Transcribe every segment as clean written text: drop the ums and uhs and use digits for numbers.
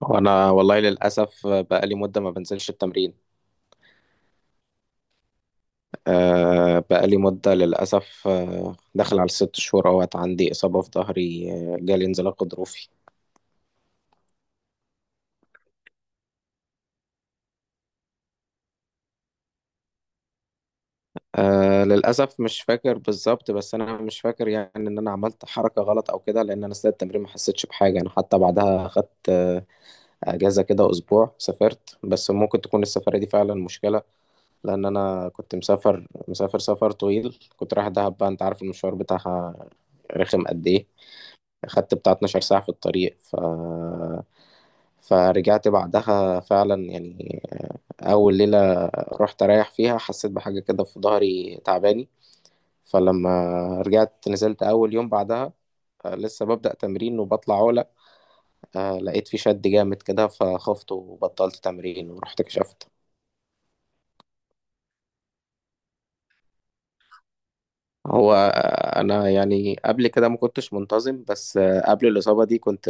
وانا والله للاسف بقالي مده ما بنزلش التمرين. بقالي مده للاسف، داخل على الست شهور اهوت عندي اصابه في ظهري، جالي انزلاق غضروفي. للاسف مش فاكر بالظبط، بس انا مش فاكر يعني ان انا عملت حركه غلط او كده، لان انا اثناء التمرين ما حسيتش بحاجه. انا حتى بعدها اخدت اجازه كده اسبوع، سافرت، بس ممكن تكون السفريه دي فعلا مشكله. لان انا كنت مسافر سفر طويل، كنت رايح دهب، بقى انت عارف المشوار بتاعها رخم قد ايه. خدت بتاع 12 ساعة في الطريق، فرجعت بعدها فعلا يعني أول ليلة رحت أريح فيها، حسيت بحاجة كده في ظهري تعباني. فلما رجعت نزلت أول يوم بعدها، لسه ببدأ تمرين وبطلع عولة، لقيت في شد جامد كده، فخفت وبطلت تمرين ورحت كشفت. هو أنا يعني قبل كده ما كنتش منتظم، بس قبل الإصابة دي كنت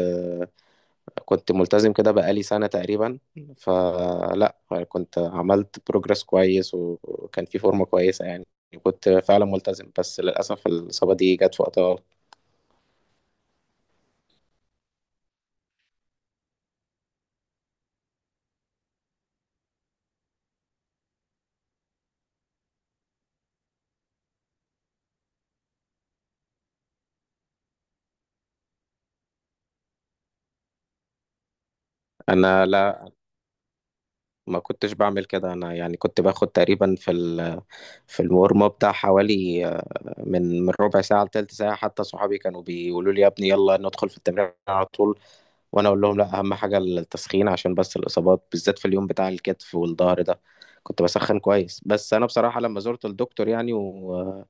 كنت ملتزم كده بقالي سنة تقريبا. فلا يعني كنت عملت بروجرس كويس، وكان في فورمة كويسة يعني، كنت فعلا ملتزم، بس للأسف الإصابة دي جت في وقتها. أنا لا، ما كنتش بعمل كده. أنا يعني كنت باخد تقريبا في المورمة بتاع حوالي من ربع ساعة لتلت ساعة. حتى صحابي كانوا بيقولوا لي يا ابني يلا ندخل في التمرين على طول، وانا اقول لهم لا، اهم حاجه التسخين، عشان بس الاصابات بالذات في اليوم بتاع الكتف والظهر ده كنت بسخن كويس. بس انا بصراحه لما زرت الدكتور يعني واول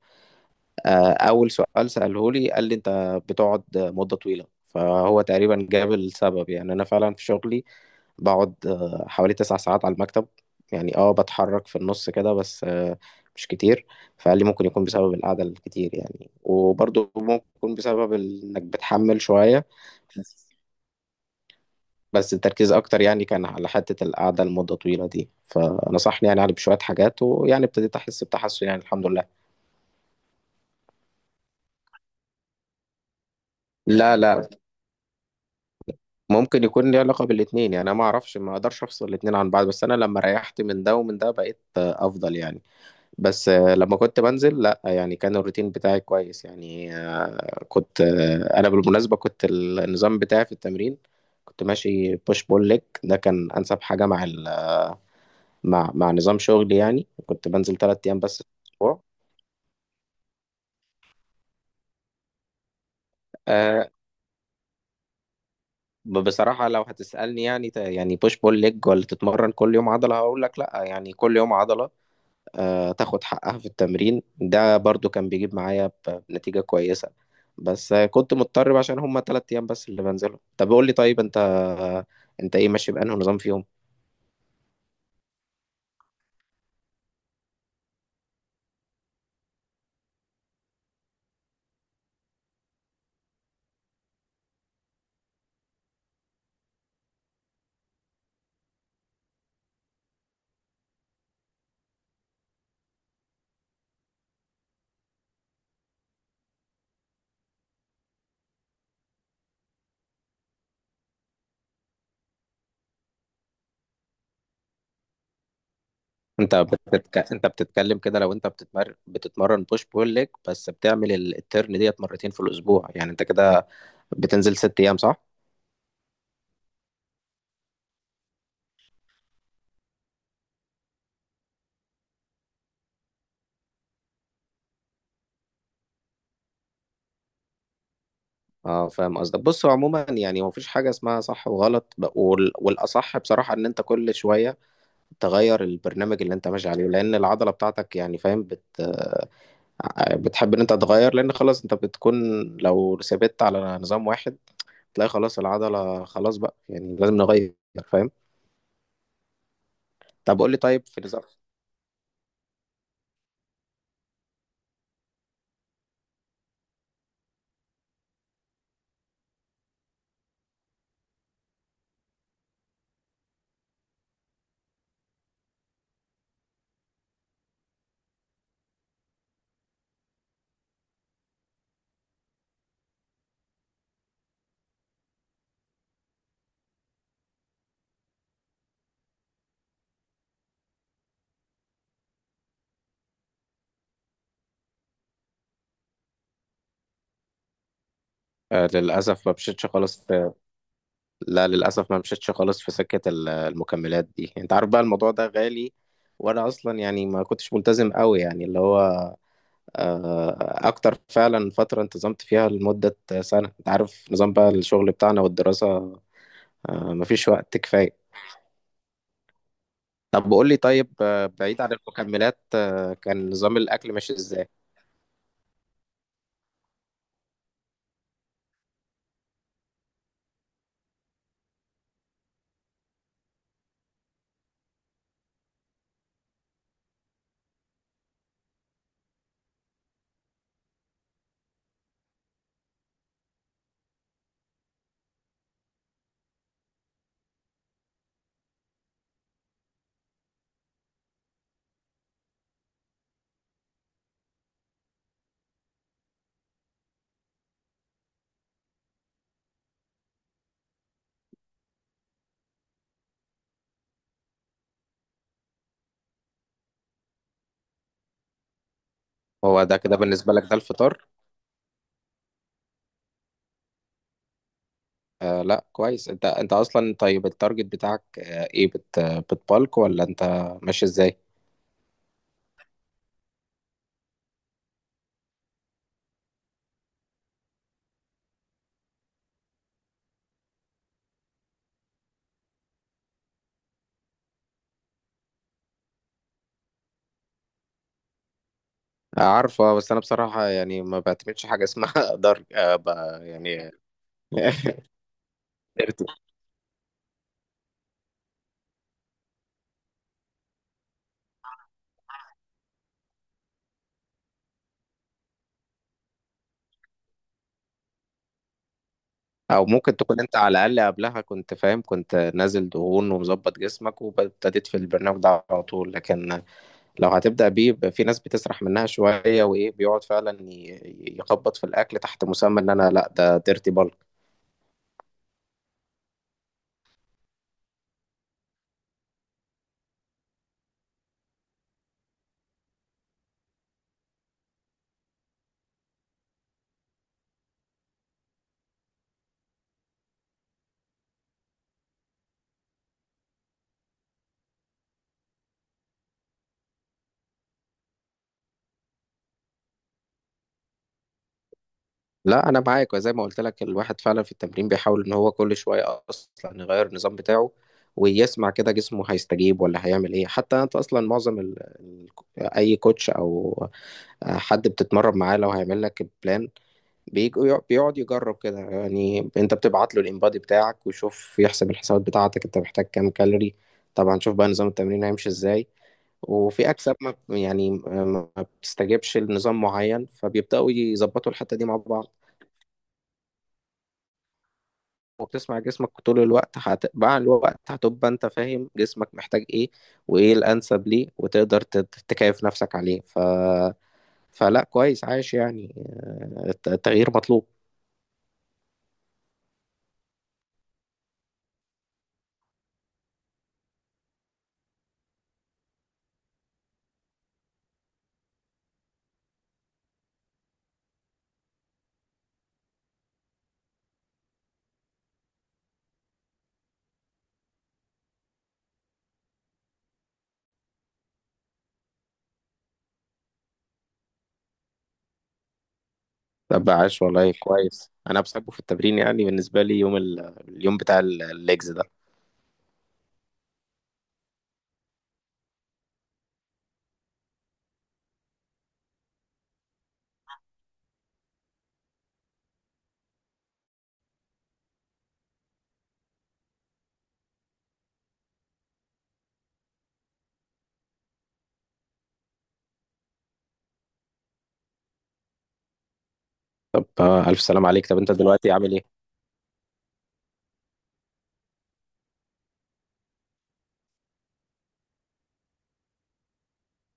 سؤال ساله لي قال لي انت بتقعد مده طويله، فهو تقريبا جاب السبب. يعني انا فعلا في شغلي بقعد حوالي 9 ساعات على المكتب. يعني اه بتحرك في النص كده، بس مش كتير. فقال لي ممكن يكون بسبب القعدة الكتير يعني، وبرضه ممكن يكون بسبب انك بتحمل شوية، بس التركيز اكتر يعني كان على حتة القعدة لمدة طويلة دي. فنصحني يعني علي بشوية حاجات، ويعني ابتديت احس بتحسن يعني الحمد لله. لا لا، ممكن يكون ليه علاقة بالاتنين. يعني انا ما اعرفش، ما اقدرش افصل الاتنين عن بعض، بس انا لما ريحت من ده ومن ده بقيت افضل يعني. بس لما كنت بنزل لا يعني كان الروتين بتاعي كويس يعني، آه، كنت آه، انا بالمناسبة كنت النظام بتاعي في التمرين، كنت ماشي بوش بول ليج. ده كان انسب حاجة مع ال... مع مع نظام شغلي. يعني كنت بنزل 3 ايام بس في الاسبوع. آه، بصراحة لو هتسألني يعني يعني بوش بول ليج ولا تتمرن كل يوم عضلة، هقول لك لا. يعني كل يوم عضلة تاخد حقها في التمرين، ده برضو كان بيجيب معايا بنتيجة كويسة. بس كنت مضطر بقى عشان هما 3 أيام بس اللي بنزلهم. طب قول لي طيب، أنت إيه ماشي بأنه نظام فيهم؟ أنت بتتكلم كده، لو أنت بتتمرن بوش بول ليج بس بتعمل الترن ديت 2 مرة في الأسبوع، يعني أنت كده بتنزل 6 أيام صح؟ اه، فاهم قصدك. بص هو عموما يعني مفيش حاجة اسمها صح وغلط، والأصح بصراحة إن أنت كل شوية تغير البرنامج اللي أنت ماشي عليه، لأن العضلة بتاعتك يعني فاهم، بت آه، بتحب إن أنت تغير، لأن خلاص أنت بتكون، لو ثبت على نظام واحد تلاقي خلاص العضلة خلاص بقى، يعني لازم نغير، فاهم. طب قول لي طيب في نظام. للأسف ما مشيتش خالص لا، للأسف ما مشيتش خالص في سكة المكملات دي. أنت عارف بقى الموضوع ده غالي، وأنا أصلا يعني ما كنتش ملتزم قوي يعني، اللي هو اكتر فعلا فترة انتظمت فيها لمدة سنة. انت عارف نظام بقى الشغل بتاعنا والدراسة، مفيش وقت كفاية. طب قول لي طيب، بعيد عن المكملات، كان نظام الاكل ماشي ازاي؟ هو ده كده بالنسبة لك ده الفطار؟ لا كويس. انت اصلا طيب، التارجت بتاعك ايه، بتبالك ولا انت ماشي ازاي؟ عارفة. بس انا بصراحة يعني ما بعتمدش حاجة اسمها درج يعني او ممكن تكون انت على الاقل قبلها كنت فاهم، كنت نازل دهون ومظبط جسمك، وابتديت في البرنامج ده على طول، لكن لو هتبدا بيه يبقى في ناس بتسرح منها شويه وايه، بيقعد فعلا يخبط في الاكل تحت مسمى ان انا لا ده ديرتي بالك. لا، انا معاك، وزي ما قلت لك الواحد فعلا في التمرين بيحاول ان هو كل شويه اصلا يغير النظام بتاعه ويسمع كده جسمه هيستجيب ولا هيعمل ايه. حتى انت اصلا معظم اي كوتش او حد بتتمرن معاه لو هيعمل لك بلان بيك- بيقعد يجرب كده، يعني انت بتبعت له الانبادي بتاعك ويشوف، يحسب الحسابات بتاعتك، انت محتاج كام كالوري، طبعا شوف بقى نظام التمرين هيمشي ازاي. وفي اجسام ما بتستجيبش لنظام معين، فبيبداوا يظبطوا الحته دي مع بعض. وبتسمع جسمك طول الوقت، مع الوقت هتبقى انت فاهم جسمك محتاج ايه، وايه الانسب ليه، وتقدر تكيف نفسك عليه. فلا كويس عايش يعني التغيير مطلوب. طب عاش والله كويس. انا بحبه في التمرين، يعني بالنسبه لي يوم اليوم بتاع الليجز ده. طب الف سلام عليك. طب انت دلوقتي عامل ايه؟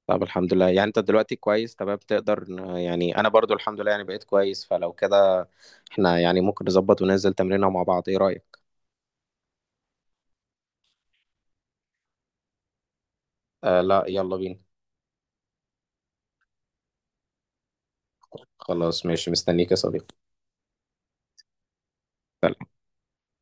طب الحمد لله. يعني انت دلوقتي كويس تمام تقدر، يعني انا برضو الحمد لله يعني بقيت كويس، فلو كده احنا يعني ممكن نظبط وننزل تمرينها مع بعض، ايه رايك؟ لا، يلا بينا. خلاص ماشي، مستنيك يا صديقي.